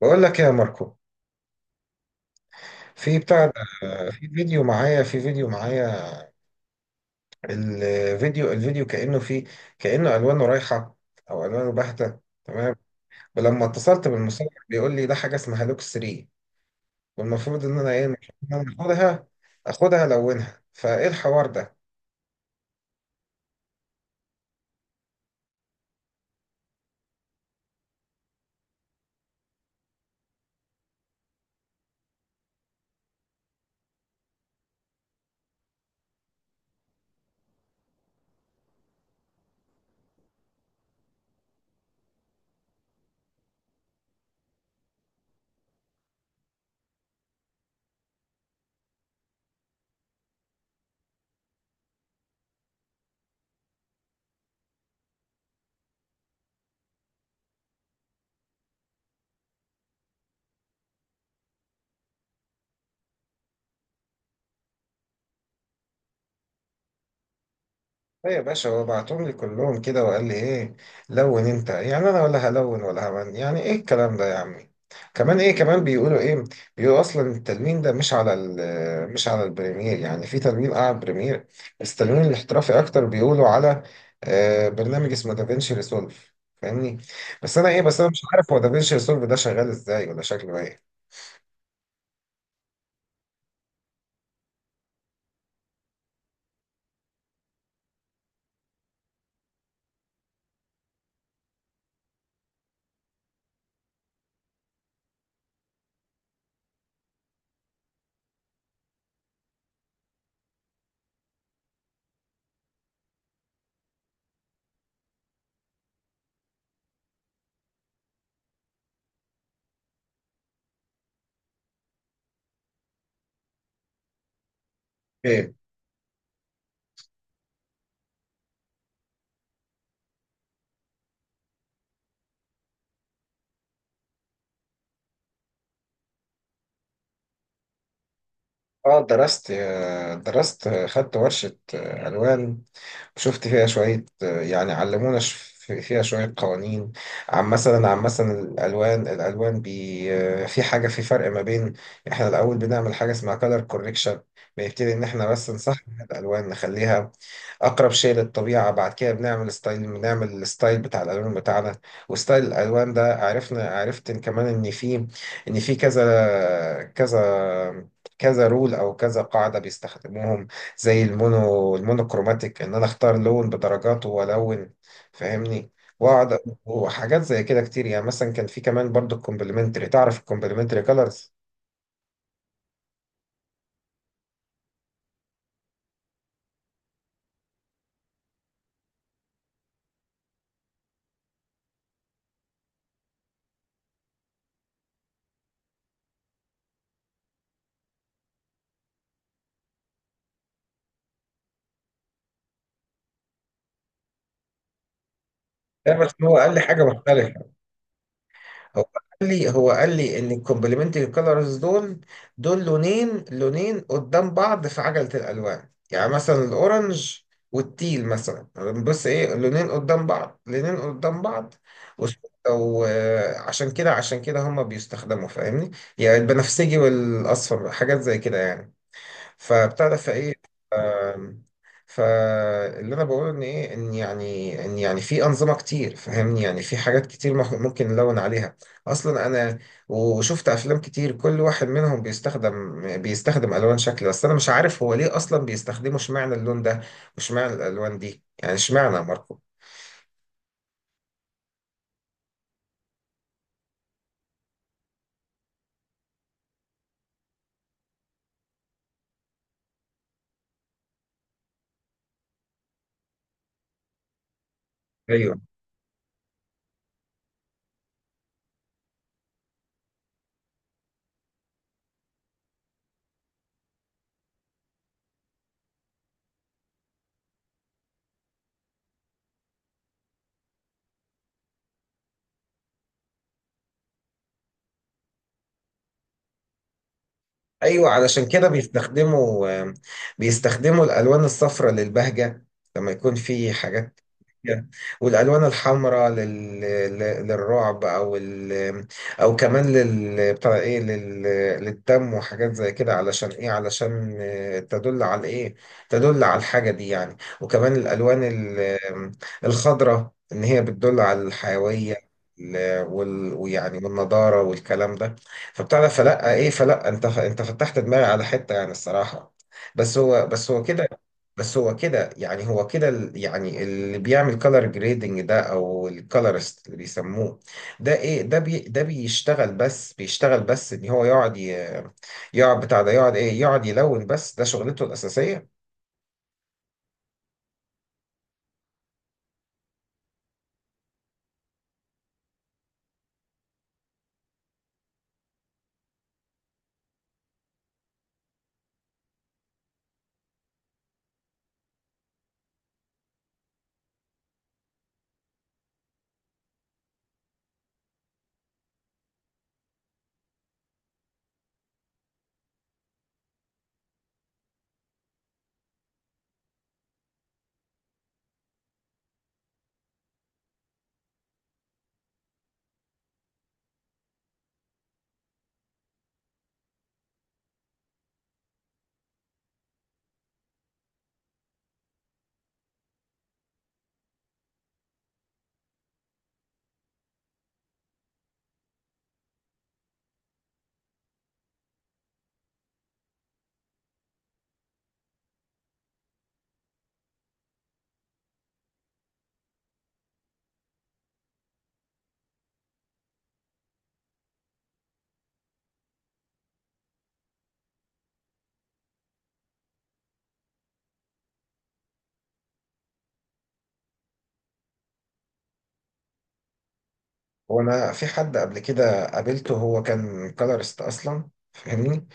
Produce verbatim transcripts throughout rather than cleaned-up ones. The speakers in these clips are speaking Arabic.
بقول لك إيه يا ماركو، في بتاع ده، في فيديو معايا في فيديو معايا. الفيديو الفيديو كأنه فيه كأنه ألوانه رايحة، أو ألوانه باهتة تمام. ولما اتصلت بالمصور بيقول لي ده حاجة اسمها لوكس ثلاثة، والمفروض إن أنا إيه المفروض إن أنا آخدها آخدها ألونها. فإيه الحوار ده؟ ايه يا باشا، هو بعتهم لي كلهم كده وقال لي ايه، لون انت. يعني انا ولا هلون ولا همن؟ يعني ايه الكلام ده يا عمي؟ كمان ايه، كمان بيقولوا ايه، بيقولوا اصلا التلوين ده مش على ال- مش على البريمير. يعني في تلوين اعلى بريمير، بس التلوين الاحترافي اكتر بيقولوا على آه، برنامج اسمه دافينشي ريسولف، فاهمني. بس انا ايه بس انا مش عارف هو دافينشي ريسولف ده شغال ازاي ولا شكله ايه. اه درست. درست خدت ورشة آه، ألوان، شفت فيها شوية، آه، يعني علمونا ش- فيها شوية قوانين عن مثلا، عن مثلا الألوان الألوان بي آه، في حاجة، في فرق ما بين، احنا الأول بنعمل حاجة اسمها color correction. بنبتدي إن احنا بس نصحح الألوان، نخليها أقرب شيء للطبيعة. بعد كده بنعمل ستايل بنعمل الستايل بتاع الألوان بتاعنا. وستايل الألوان ده عرفنا عرفت إن كمان إن في إن في كذا كذا كذا رول او كذا قاعده بيستخدموهم. زي المونو المونوكروماتيك، ان انا اختار لون بدرجاته والون، فاهمني، واقعد. وحاجات زي كده كتير. يعني مثلا كان في كمان برضو الكومبلمنتري، تعرف الكومبلمنتري كولرز ده؟ بس هو اقل حاجه مختلفه. هو قال لي هو قال لي ان الكومبلمنتري كولرز دول دول لونين، لونين قدام بعض في عجلة الالوان. يعني مثلا الاورنج والتيل مثلا. بص ايه، لونين قدام بعض لونين قدام بعض. وس- وعشان كده عشان كده هما بيستخدموا، فاهمني. يعني البنفسجي والاصفر، حاجات زي كده يعني. فبتاع ده فايه، آم، فاللي انا بقوله ان ايه، ان يعني ان يعني في انظمه كتير، فاهمني، يعني في حاجات كتير مح- ممكن نلون عليها اصلا. انا وشفت افلام كتير، كل واحد منهم بيستخدم بيستخدم الوان شكل. بس انا مش عارف هو ليه اصلا بيستخدموا، اشمعنى اللون ده واشمعنى الالوان دي، يعني اشمعنى يا ماركو؟ ايوه، ايوه علشان كده بيستخدموا، آم، بيستخدموا الالوان الصفراء للبهجه لما يكون في حاجات. Yeah. والالوان الحمراء لل... لل- للرعب، او ال...، او كمان لل بتاع ايه لل... للدم وحاجات زي كده. علشان ايه؟ علشان آه، تدل على ايه، تدل على الحاجه دي يعني. وكمان الالوان ال... الخضراء، ان هي بتدل على الحيويه ال- وال... ويعني والنضاره والكلام ده. فبتاع ده، فلا ايه، فلا انت انت فتحت دماغي على حته يعني الصراحه. بس هو بس هو كده بس هو كده يعني، هو كده ال- يعني اللي بيعمل كولر جريدنج ده، او الكولرست اللي بيسموه. ده ايه، ده بي ده بيشتغل بس بيشتغل بس ان هو يقعد ي- يقعد بتاع ده، يقعد ايه، يقعد يلون بس. ده شغلته الاساسيه. وانا في حد قبل كده قابلته، هو كان كولرست اصلا، فاهمني.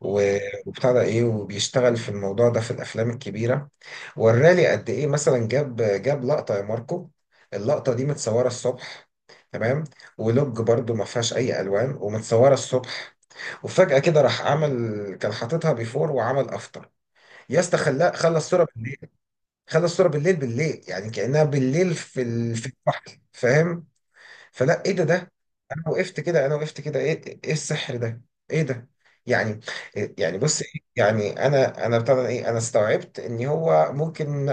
و- وبتاع ده ايه، وبيشتغل في الموضوع ده في الافلام الكبيره. وراني قد ايه. مثلا جاب جاب لقطه يا ماركو، اللقطه دي متصوره الصبح، تمام، ولوج برضو ما فيهاش اي الوان، ومتصوره الصبح. وفجاه كده راح عمل، كان حاططها بيفور وعمل افطر. يا اسطى، خلاه خلى الصوره بالليل. خلى الصوره بالليل، بالليل يعني كانها بالليل في ال- في البحر، فاهم. فلا ايه، ده ده انا وقفت كده انا وقفت كده، ايه ايه السحر ده؟ ايه ده يعني؟ يعني بص إيه؟ يعني انا انا بتاع ده ايه، انا استوعبت ان هو ممكن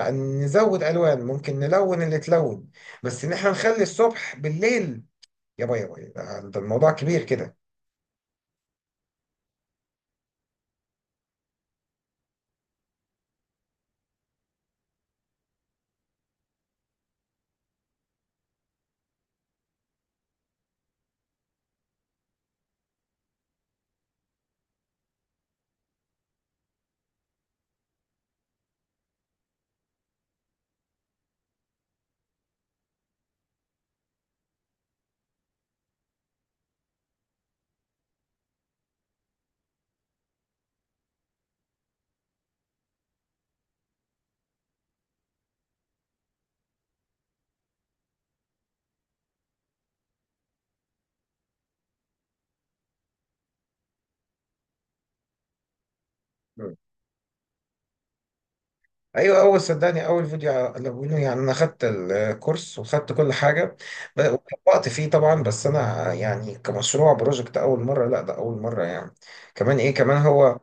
نزود الوان، ممكن نلون اللي اتلون، بس ان احنا نخلي الصبح بالليل. يا باي يا باي، ده ده الموضوع كبير كده. مم. ايوه، اول، صدقني اول فيديو الونه. يعني انا خدت الكورس وخدت كل حاجه، ب- وطبقت فيه طبعا. بس انا يعني كمشروع بروجكت اول مره، لا ده اول مره يعني. كمان ايه، كمان هو،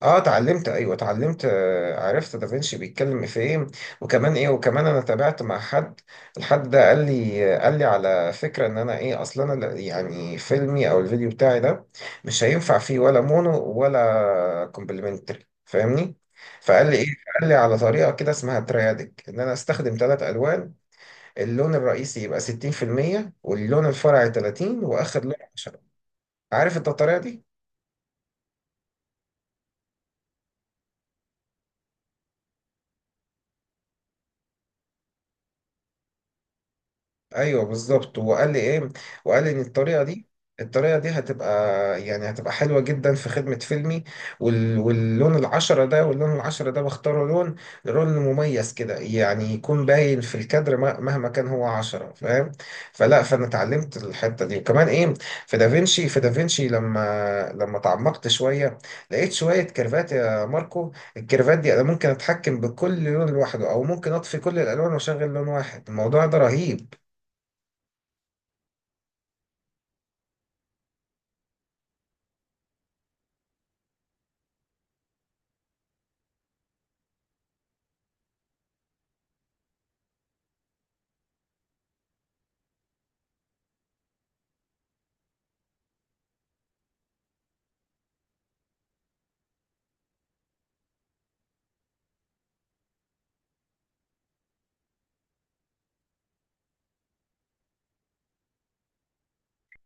اه اتعلمت، ايوه اتعلمت، آه، عرفت دافنشي بيتكلم في ايه. وكمان ايه، وكمان انا تابعت مع حد. الحد ده قال لي قال لي على فكره ان انا ايه، اصلا انا لا- يعني فيلمي او الفيديو بتاعي ده مش هينفع فيه ولا مونو ولا كومبلمنتري، فاهمني. فقال لي ايه، قال لي على طريقه كده اسمها تريادك، ان انا استخدم ثلاث الوان: اللون الرئيسي يبقى ستين في المية، واللون الفرعي تلاتين، واخر لون عشرة. عارف انت الطريقه دي؟ ايوه بالظبط. وقال لي ايه، وقال لي ان الطريقه دي، الطريقه دي هتبقى يعني هتبقى حلوه جدا في خدمه فيلمي. وال...، واللون العشرة ده، واللون العشرة ده بختاره لون، لون مميز كده يعني، يكون باين في الكادر، مه- مهما كان هو عشرة، فاهم. فلا، فانا اتعلمت الحته دي. وكمان ايه، في دافنشي في دافنشي لما لما تعمقت شويه، لقيت شويه كيرفات يا ماركو. الكيرفات دي انا ممكن اتحكم بكل لون لوحده، او ممكن اطفي كل الالوان واشغل لون واحد. الموضوع ده رهيب.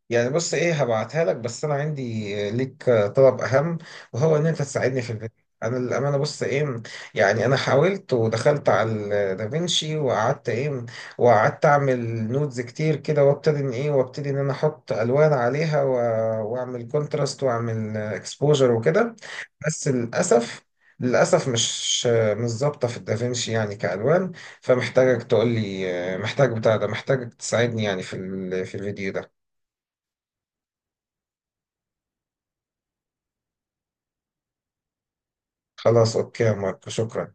يعني بص ايه، هبعتها لك بس انا عندي ليك طلب اهم، وهو ان انت تساعدني في الفيديو. انا للامانه، بص ايه، يعني انا حاولت ودخلت على دافينشي، وقعدت ايه، وقعدت اعمل نودز كتير كده، وابتدي ان ايه، وابتدي ان انا احط الوان عليها و- واعمل كونتراست واعمل اكسبوجر وكده. بس للاسف، للأسف مش مش ظابطة في الدافينشي يعني كألوان. فمحتاجك تقول لي، محتاج بتاع ده، محتاجك تساعدني يعني في ال- في الفيديو ده. خلاص أوكي يا ماركو، شكرا